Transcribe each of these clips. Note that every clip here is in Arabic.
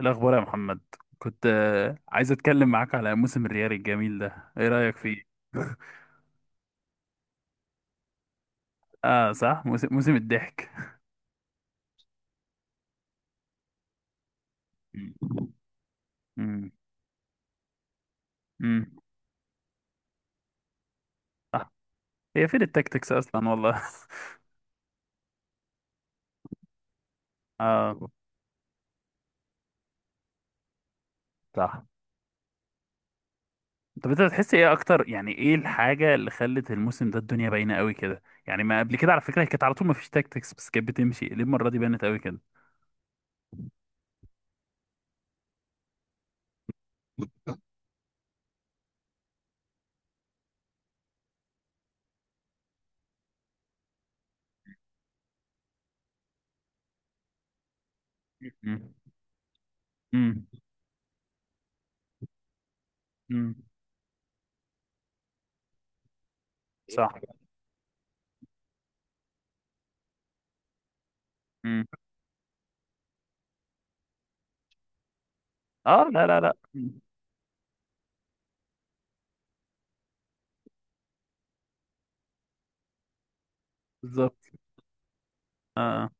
الأخبار يا محمد. كنت عايز أتكلم معاك على موسم الريال الجميل ده، إيه رأيك فيه؟ آه صح، موسم الضحك. مم. مم. مم. صح، هي فين التكتكس أصلا والله. آه صح. طب أنت بتحس إيه أكتر، يعني إيه الحاجة اللي خلت الموسم ده الدنيا باينة قوي كده؟ يعني ما قبل كده على فكرة، هي كانت على طول ما فيش تكتكس بس كانت بتمشي، ليه المرة دي بانت قوي كده؟ مم. مم. مم. صح. مم. آه لا لا لا. مم. بالظبط. آه،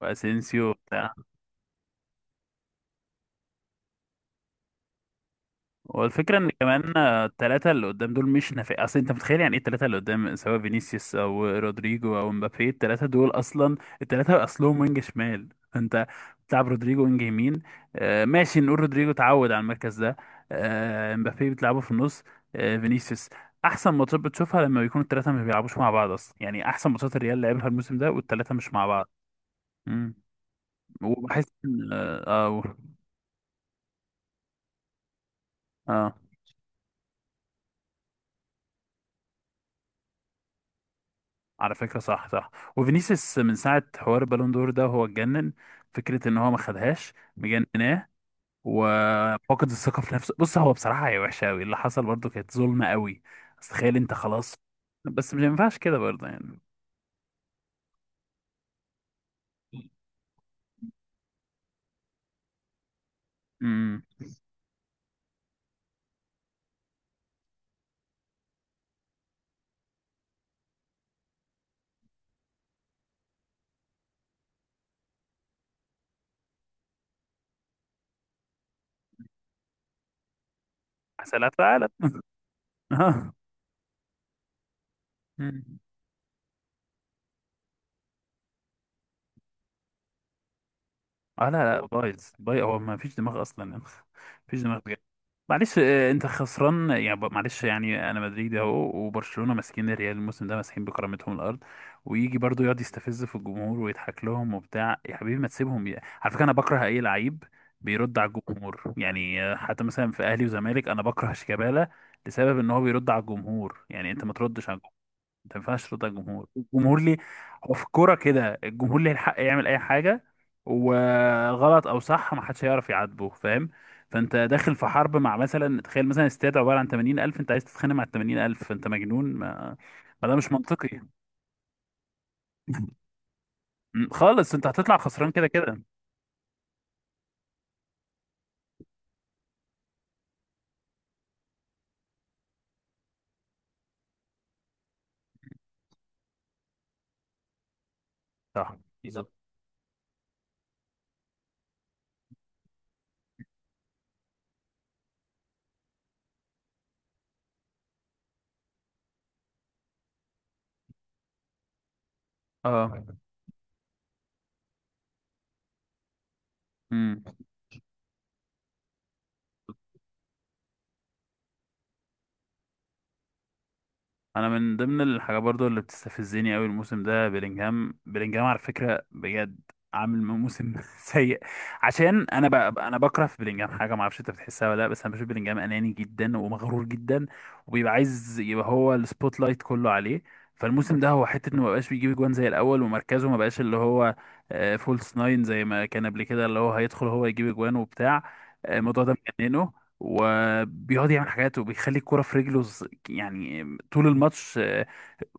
وأسينسيو بتاع. والفكرة ان كمان، التلاتة اللي قدام دول مش نافع، اصل انت متخيل يعني ايه التلاتة اللي قدام، سواء فينيسيوس او رودريجو او مبابي، التلاتة دول اصلا. التلاتة اصلهم وينج شمال، فانت بتلعب رودريجو وينج يمين. آه ماشي، نقول رودريجو اتعود على المركز ده. آه، مبابي بتلعبه في النص. آه فينيسيوس. احسن ماتشات بتشوفها لما بيكونوا التلاتة ما بيلعبوش مع بعض اصلا، يعني احسن ماتشات الريال لعبها الموسم ده والتلاتة مش مع بعض. امم. وبحس ان، اه، اه، على فكرة صح صح. وفينيسيوس من ساعة حوار البالون دور ده، هو اتجنن. فكرة ان هو ما خدهاش مجنناه. وفقد الثقة في نفسه. بص، هو بصراحة هي وحشة قوي اللي حصل، برضه كانت ظلمة قوي. بس تخيل انت خلاص، بس مش ينفعش كده برضه يعني. امم. حسالات العالم. اه. مم. لا لا، بايظ بايظ، هو ما فيش دماغ اصلا. ما فيش دماغ. معلش، انت خسران يعني معلش، يعني انا مدريدي اهو، وبرشلونه ماسكين الريال الموسم ده ماسحين بكرامتهم الارض. ويجي برضو يقعد يستفز في الجمهور ويضحك لهم وبتاع، يا حبيبي ما تسيبهم. على فكره، انا بكره اي لعيب بيرد على الجمهور، يعني حتى مثلا في اهلي وزمالك انا بكره شيكابالا. لسبب ان هو بيرد على الجمهور، يعني انت ما تردش على. ما ينفعش ترد على الجمهور، الجمهور ليه. هو في الكوره كده، الجمهور ليه الحق يعمل اي حاجه. وغلط او صح ما حدش هيعرف يعاتبه، فاهم. فانت داخل في حرب مع، مثلا تخيل مثلا استاد عباره عن 80,000، انت عايز تتخانق مع ال 80,000، فانت مجنون، ما ده مش منطقي. خالص، انت هتطلع خسران كده كده. صح. بالظبط. اه. امم. انا من ضمن الحاجات برضو اللي بتستفزني قوي الموسم ده بيلينجهام، بيلينجهام على فكره بجد عامل موسم سيء. عشان انا بكره في بيلينجهام حاجه، ما اعرفش انت بتحسها ولا لا، بس انا بشوف بيلينجهام اناني جدا ومغرور جدا، وبيبقى عايز يبقى هو السبوت لايت كله عليه. فالموسم ده هو حته انه ما بقاش بيجيب جوان زي الاول، ومركزه ما بقاش اللي هو فولس ناين زي ما كان قبل كده، اللي هو هيدخل هو يجيب جوان وبتاع. الموضوع ده مجننه. وبيقعد يعمل حاجات وبيخلي الكوره في رجله يعني طول الماتش،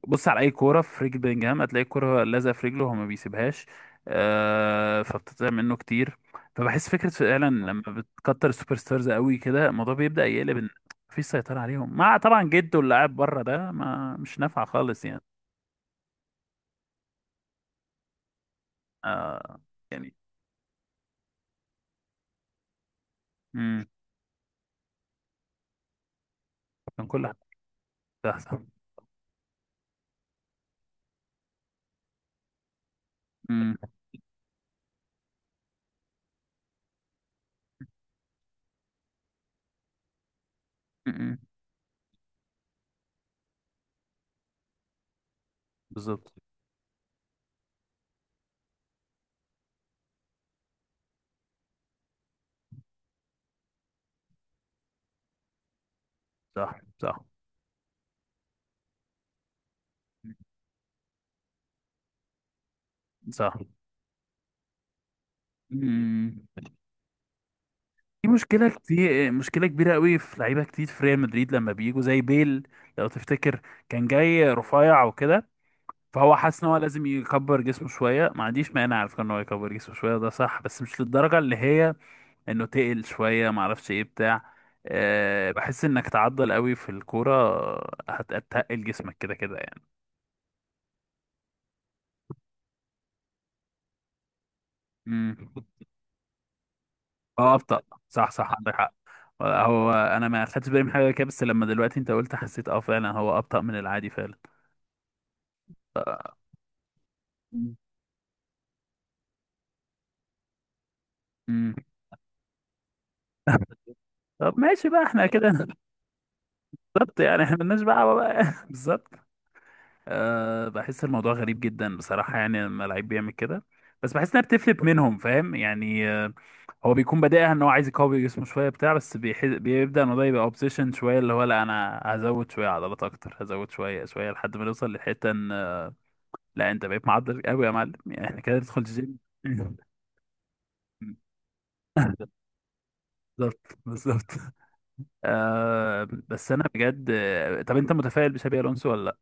بص على اي كوره في رجل بلينجهام هتلاقي الكوره لازقه في رجله، هو ما بيسيبهاش. فبتضيع منه كتير. فبحس فكره فعلا، لما بتكتر السوبر ستارز قوي كده الموضوع بيبدا يقلب ان مفيش سيطره عليهم، مع طبعا جده اللي قاعد بره ده ما مش نافع خالص يعني. آه، يعني. امم. كان كل حاجه احسن. امم. أمم، بالظبط. صح صح. صح. امم. في مشكلة كتير مشكلة كبيرة قوي في لعيبة كتير في ريال مدريد لما بيجوا زي بيل، لو تفتكر كان جاي رفيع وكده. فهو حاسس ان هو لازم يكبر جسمه شوية، ما عنديش مانع على فكرة ان هو يكبر جسمه شوية، ده صح، بس مش للدرجة اللي هي انه تقل شوية، ما اعرفش ايه بتاع. أه، بحس انك تعضل قوي في الكورة هتتقل جسمك كده كده يعني. امم. اه، ابطأ. صح صح، عندك حق. هو انا ما خدتش بالي من حاجة كده، بس لما دلوقتي انت قلت حسيت، اه فعلا هو ابطأ من العادي. فعلا. مم. طب ماشي بقى احنا كده. بالظبط، يعني احنا ملناش دعوه بقى. بالظبط. أه، بحس الموضوع غريب جدا بصراحه، يعني لما لعيب بيعمل كده، بس بحس انها بتفلت منهم، فاهم يعني. هو بيكون بادئها ان هو عايز يقوي جسمه شويه بتاع، بس بيبدا الموضوع يبقى اوبسيشن شويه، اللي هو لا انا هزود شويه عضلات اكتر، هزود شويه شويه لحد ما نوصل للحته ان، لا انت بقيت معضل قوي يا معلم، يعني احنا كده ندخل الجيم. بالظبط بالظبط. آه. بس انا بجد، طب انت متفائل بشابي الونسو ولا لا؟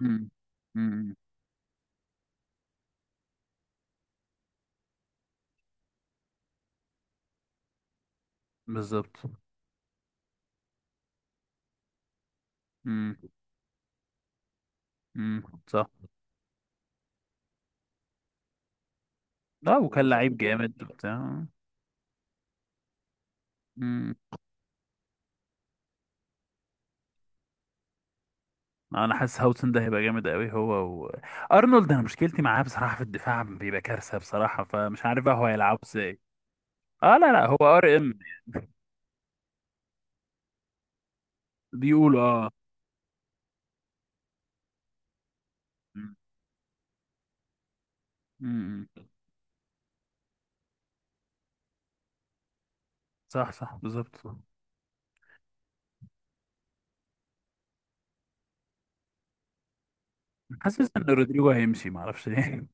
امم. امم. بالظبط. امم. امم. صح. لا، وكان لعيب جامد وبتاع. امم. انا حاسس هاوسن ده هيبقى جامد قوي هو و... ارنولد. انا مشكلتي معاه بصراحه، في الدفاع بيبقى كارثه بصراحه، فمش عارف بقى هو هيلعب ازاي. اه لا لا، هو RM. بيقولوا اه. مم. مم. صح صح، بالظبط. حاسس ان رودريجو هيمشي، معرفش ليه.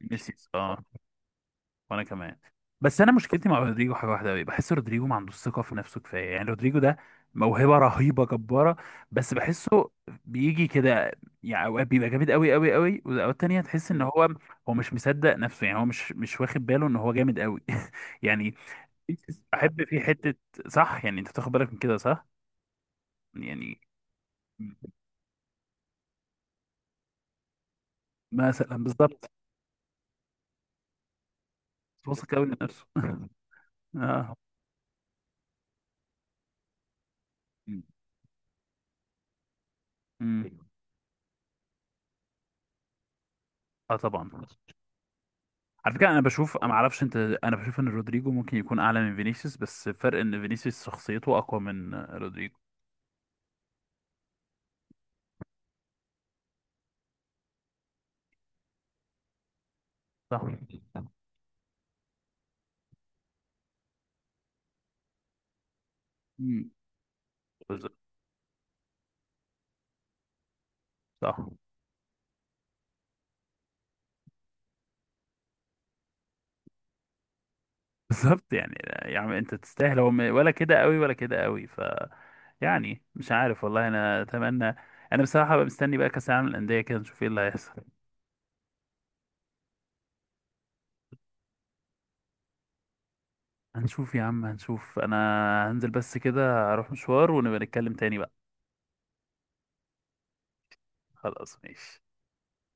نسيت. اه، وانا كمان. بس انا مشكلتي مع رودريجو حاجه واحده قوي، بحس رودريجو ما عندوش ثقه في نفسه كفايه، يعني رودريجو ده موهبه رهيبه جباره، بس بحسه بيجي كده، يعني اوقات بيبقى جامد قوي قوي قوي، واوقات تانية تحس ان هو مش مصدق نفسه، يعني هو مش واخد باله ان هو جامد قوي. يعني بحب في حته، صح، يعني انت بتاخد بالك من كده، صح يعني. مثلا، بالظبط. واثق قوي من نفسه. اه. امم. اه طبعا. على فكره، انا بشوف، انا ما اعرفش انت، انا بشوف ان رودريجو ممكن يكون اعلى من فينيسيوس، بس الفرق ان فينيسيوس شخصيته اقوى من رودريجو. صح. مم. بالظبط. صح. بالظبط يعني. يعني انت تستاهل، هو ولا كده قوي ولا كده قوي، يعني مش عارف والله، انا اتمنى. انا بصراحه بقى مستني بقى كاس العالم للانديه، كده نشوف ايه اللي هيحصل. هنشوف يا عم هنشوف. انا هنزل بس كده اروح مشوار، ونبقى نتكلم تاني بقى. خلاص ماشي.